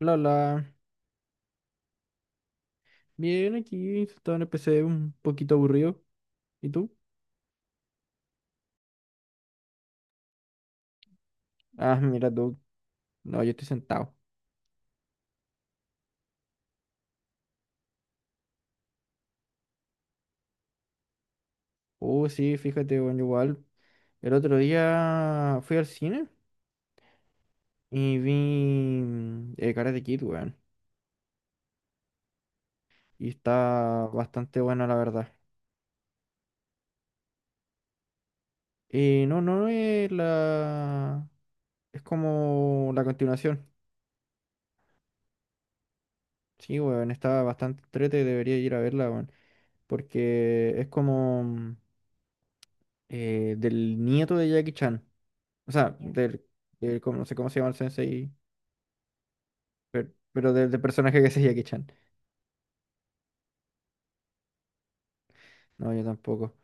La, la, bien aquí, estaba en el PC un poquito aburrido. ¿Y tú? Ah, mira tú, no, yo estoy sentado. Oh, sí, fíjate, bueno, igual. El otro día fui al cine y vi Karate Kid, weón. Y está bastante buena, la verdad. No, no es la... Es como la continuación. Sí, weón, está bastante trete, debería ir a verla, weón. Porque es como del nieto de Jackie Chan. O sea, no sé cómo se llama el sensei, pero, del personaje que es Jackie Chan. No, yo tampoco.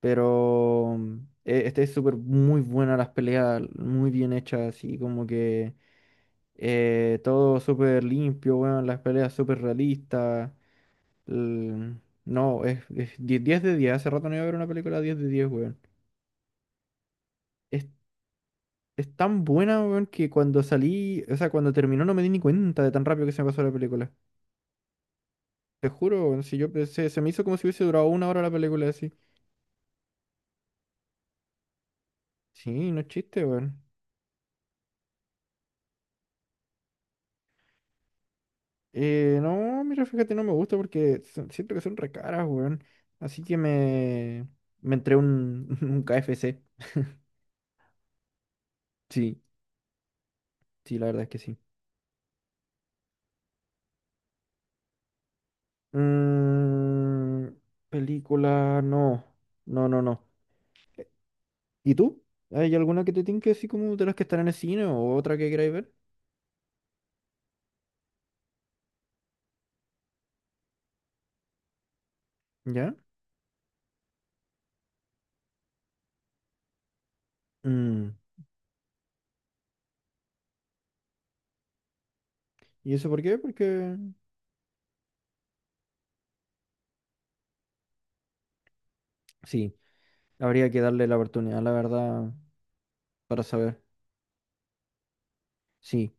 Pero este es súper muy buena las peleas, muy bien hechas, y como que todo súper limpio, bueno, las peleas súper realistas. l- No, 10 de 10. Hace rato no iba a ver una película 10 de diez, weón. Es, es tan buena, weón, que cuando salí, o sea, cuando terminó no me di ni cuenta de tan rápido que se me pasó la película. Te juro, si yo pensé, se me hizo como si hubiese durado una hora la película así. Sí, no es chiste, weón. No, mira, fíjate, no me gusta porque siento que son re caras, weón. Así que me, me entré un, un KFC. Sí, sí, la verdad es que sí. Mm, película, no. No, no, no. ¿Y tú? ¿Hay alguna que te tinque así como de las que están en el cine o otra que queráis ver? ¿Ya? Mm, ¿Y eso por qué? Porque sí, habría que darle la oportunidad, la verdad, para saber. Sí.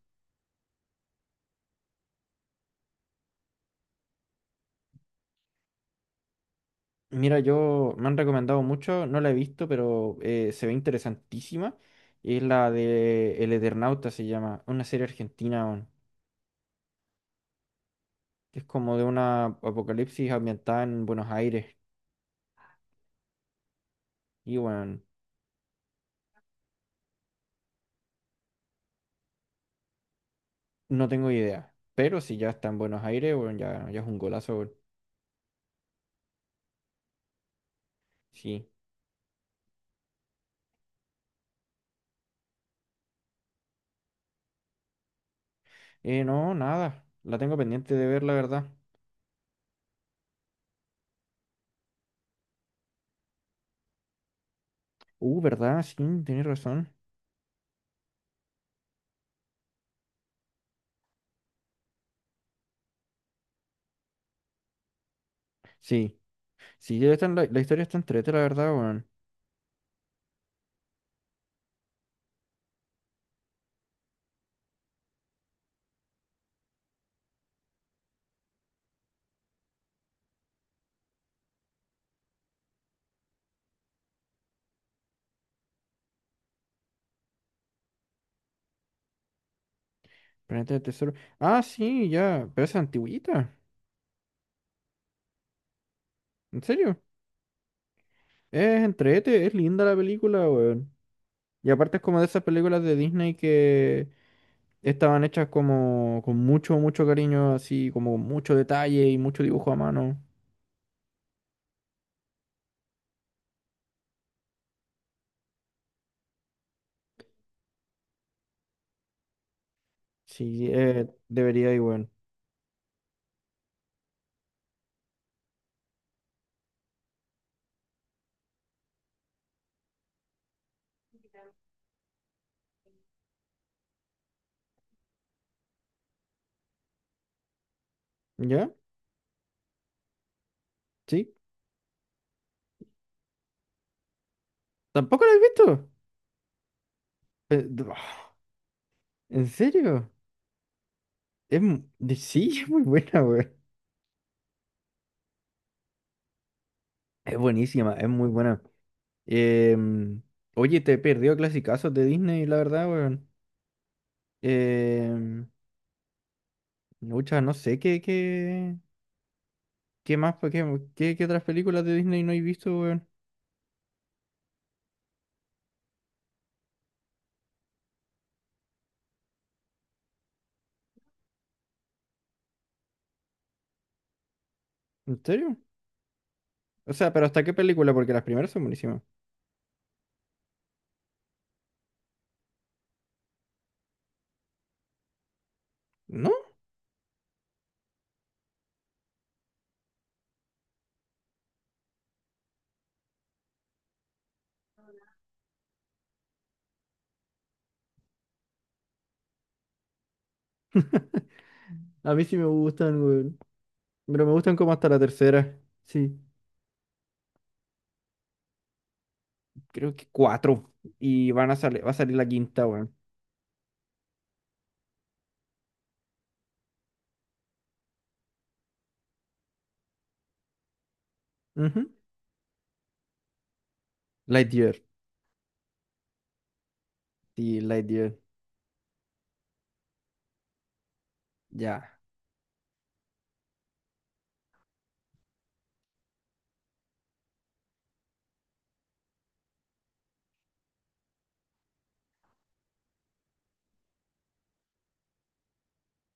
Mira, yo me han recomendado mucho, no la he visto, pero se ve interesantísima. Es la de El Eternauta, se llama, una serie argentina, weón, que es como de una apocalipsis ambientada en Buenos Aires. Y bueno, no tengo idea. Pero si ya está en Buenos Aires, bueno, ya, ya es un golazo, weón. Sí. No, nada. La tengo pendiente de ver, la verdad. ¿Verdad? Sí, tienes razón. Sí. Sí, la historia está entrete, la verdad, weón. Planeta del Tesoro. Ah, sí, ya. Pero esa es antigüita. ¿En serio? Es entrete, es linda la película, weón. Y aparte es como de esas películas de Disney que estaban hechas como con mucho, mucho cariño, así, como con mucho detalle y mucho dibujo a mano. Sí, debería ir, weón. ¿Ya? ¿Sí? ¿Tampoco la has visto? Eh, d- ¿En serio? Sí, es muy buena, weón. Es buenísima, es muy buena. Em, oye, te perdió clasicazos de Disney, la verdad, weón. Eh, muchas, no sé qué, qué más, pues, qué, qué otras películas de Disney no he visto, weón. ¿En serio? O sea, pero ¿hasta qué película? Porque las primeras son buenísimas. ¿No? A mí sí me gustan, weón. Pero me gustan como hasta la tercera. Sí, creo que cuatro. Y van a salir, va a salir la quinta, weón. Ujú. Lightyear. Sí, Lightyear. Ya.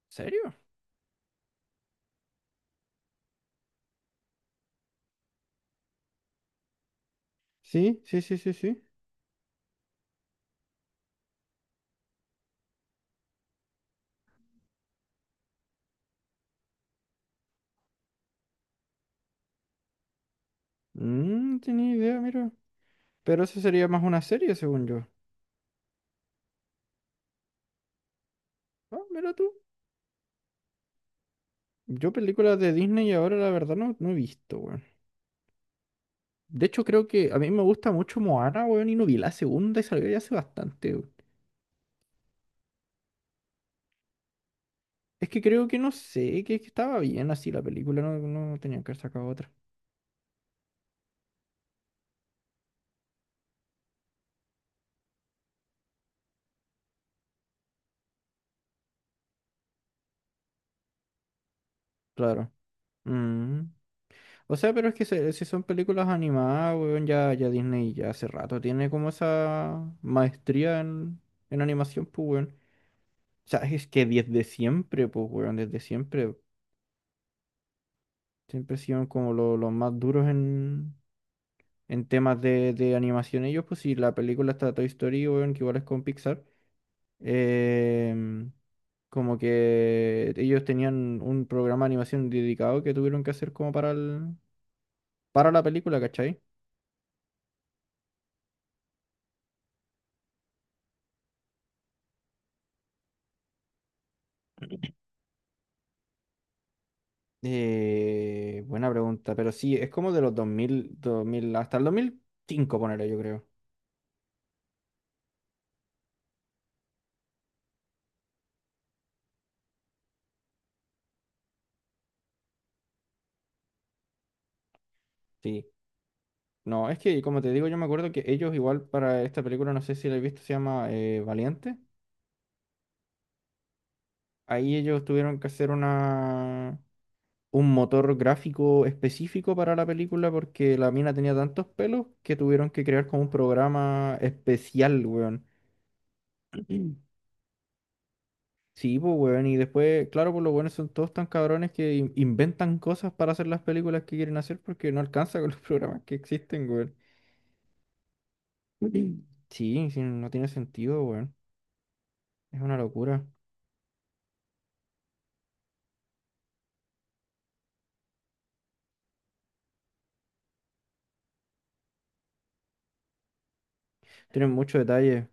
¿En serio? Sí, sí, sí, sí, sí. Mm, no tenía idea, mira. Pero eso sería más una serie, según yo. Ah, mira tú. Yo películas de Disney ahora la verdad no he visto, weón. De hecho creo que a mí me gusta mucho Moana, weón, y no vi la segunda y salió ya hace bastante, weón. Es que creo que no sé, que estaba bien así la película, no, no tenían que haber sacado otra. Claro. Mm. O sea, pero es que si son películas animadas, weón, ya Disney ya hace rato tiene como esa maestría en animación, pues, weón. O sea, es que desde siempre, pues, weón, desde siempre, siempre han sido como los más duros en temas de animación ellos, pues si la película está Toy Story, weón, que igual es con Pixar, em, como que ellos tenían un programa de animación dedicado que tuvieron que hacer como para el, para la película, ¿cachai? Buena pregunta, pero sí, es como de los 2000, 2000 hasta el 2005 ponerlo yo creo. Sí. No, es que como te digo, yo me acuerdo que ellos igual para esta película, no sé si la he visto, se llama Valiente. Ahí ellos tuvieron que hacer una un motor gráfico específico para la película porque la mina tenía tantos pelos que tuvieron que crear como un programa especial, weón. Sí, pues, weón, y después, claro, pues los buenos son todos tan cabrones que inventan cosas para hacer las películas que quieren hacer porque no alcanza con los programas que existen, weón. Sí, sí, no tiene sentido, weón. Es una locura. Tienen mucho detalle.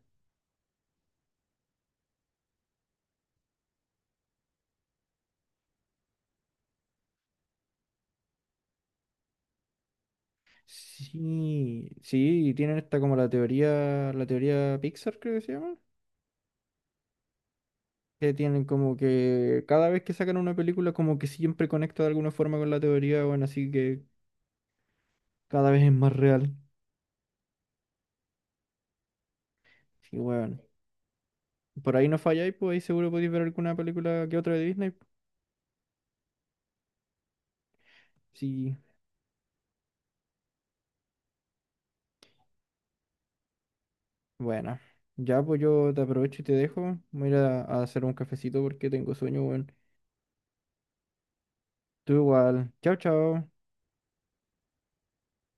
Sí, sí, tienen esta como la teoría Pixar, creo que se llama que tienen como que cada vez que sacan una película como que siempre conecta de alguna forma con la teoría, bueno, así que cada vez es más real. Sí, bueno, por ahí no falláis, pues ahí seguro podéis ver alguna película que otra de Disney. Sí, bueno, ya pues yo te aprovecho y te dejo, voy a ir a hacer un cafecito porque tengo sueño, bueno. Tú igual, chao, chao.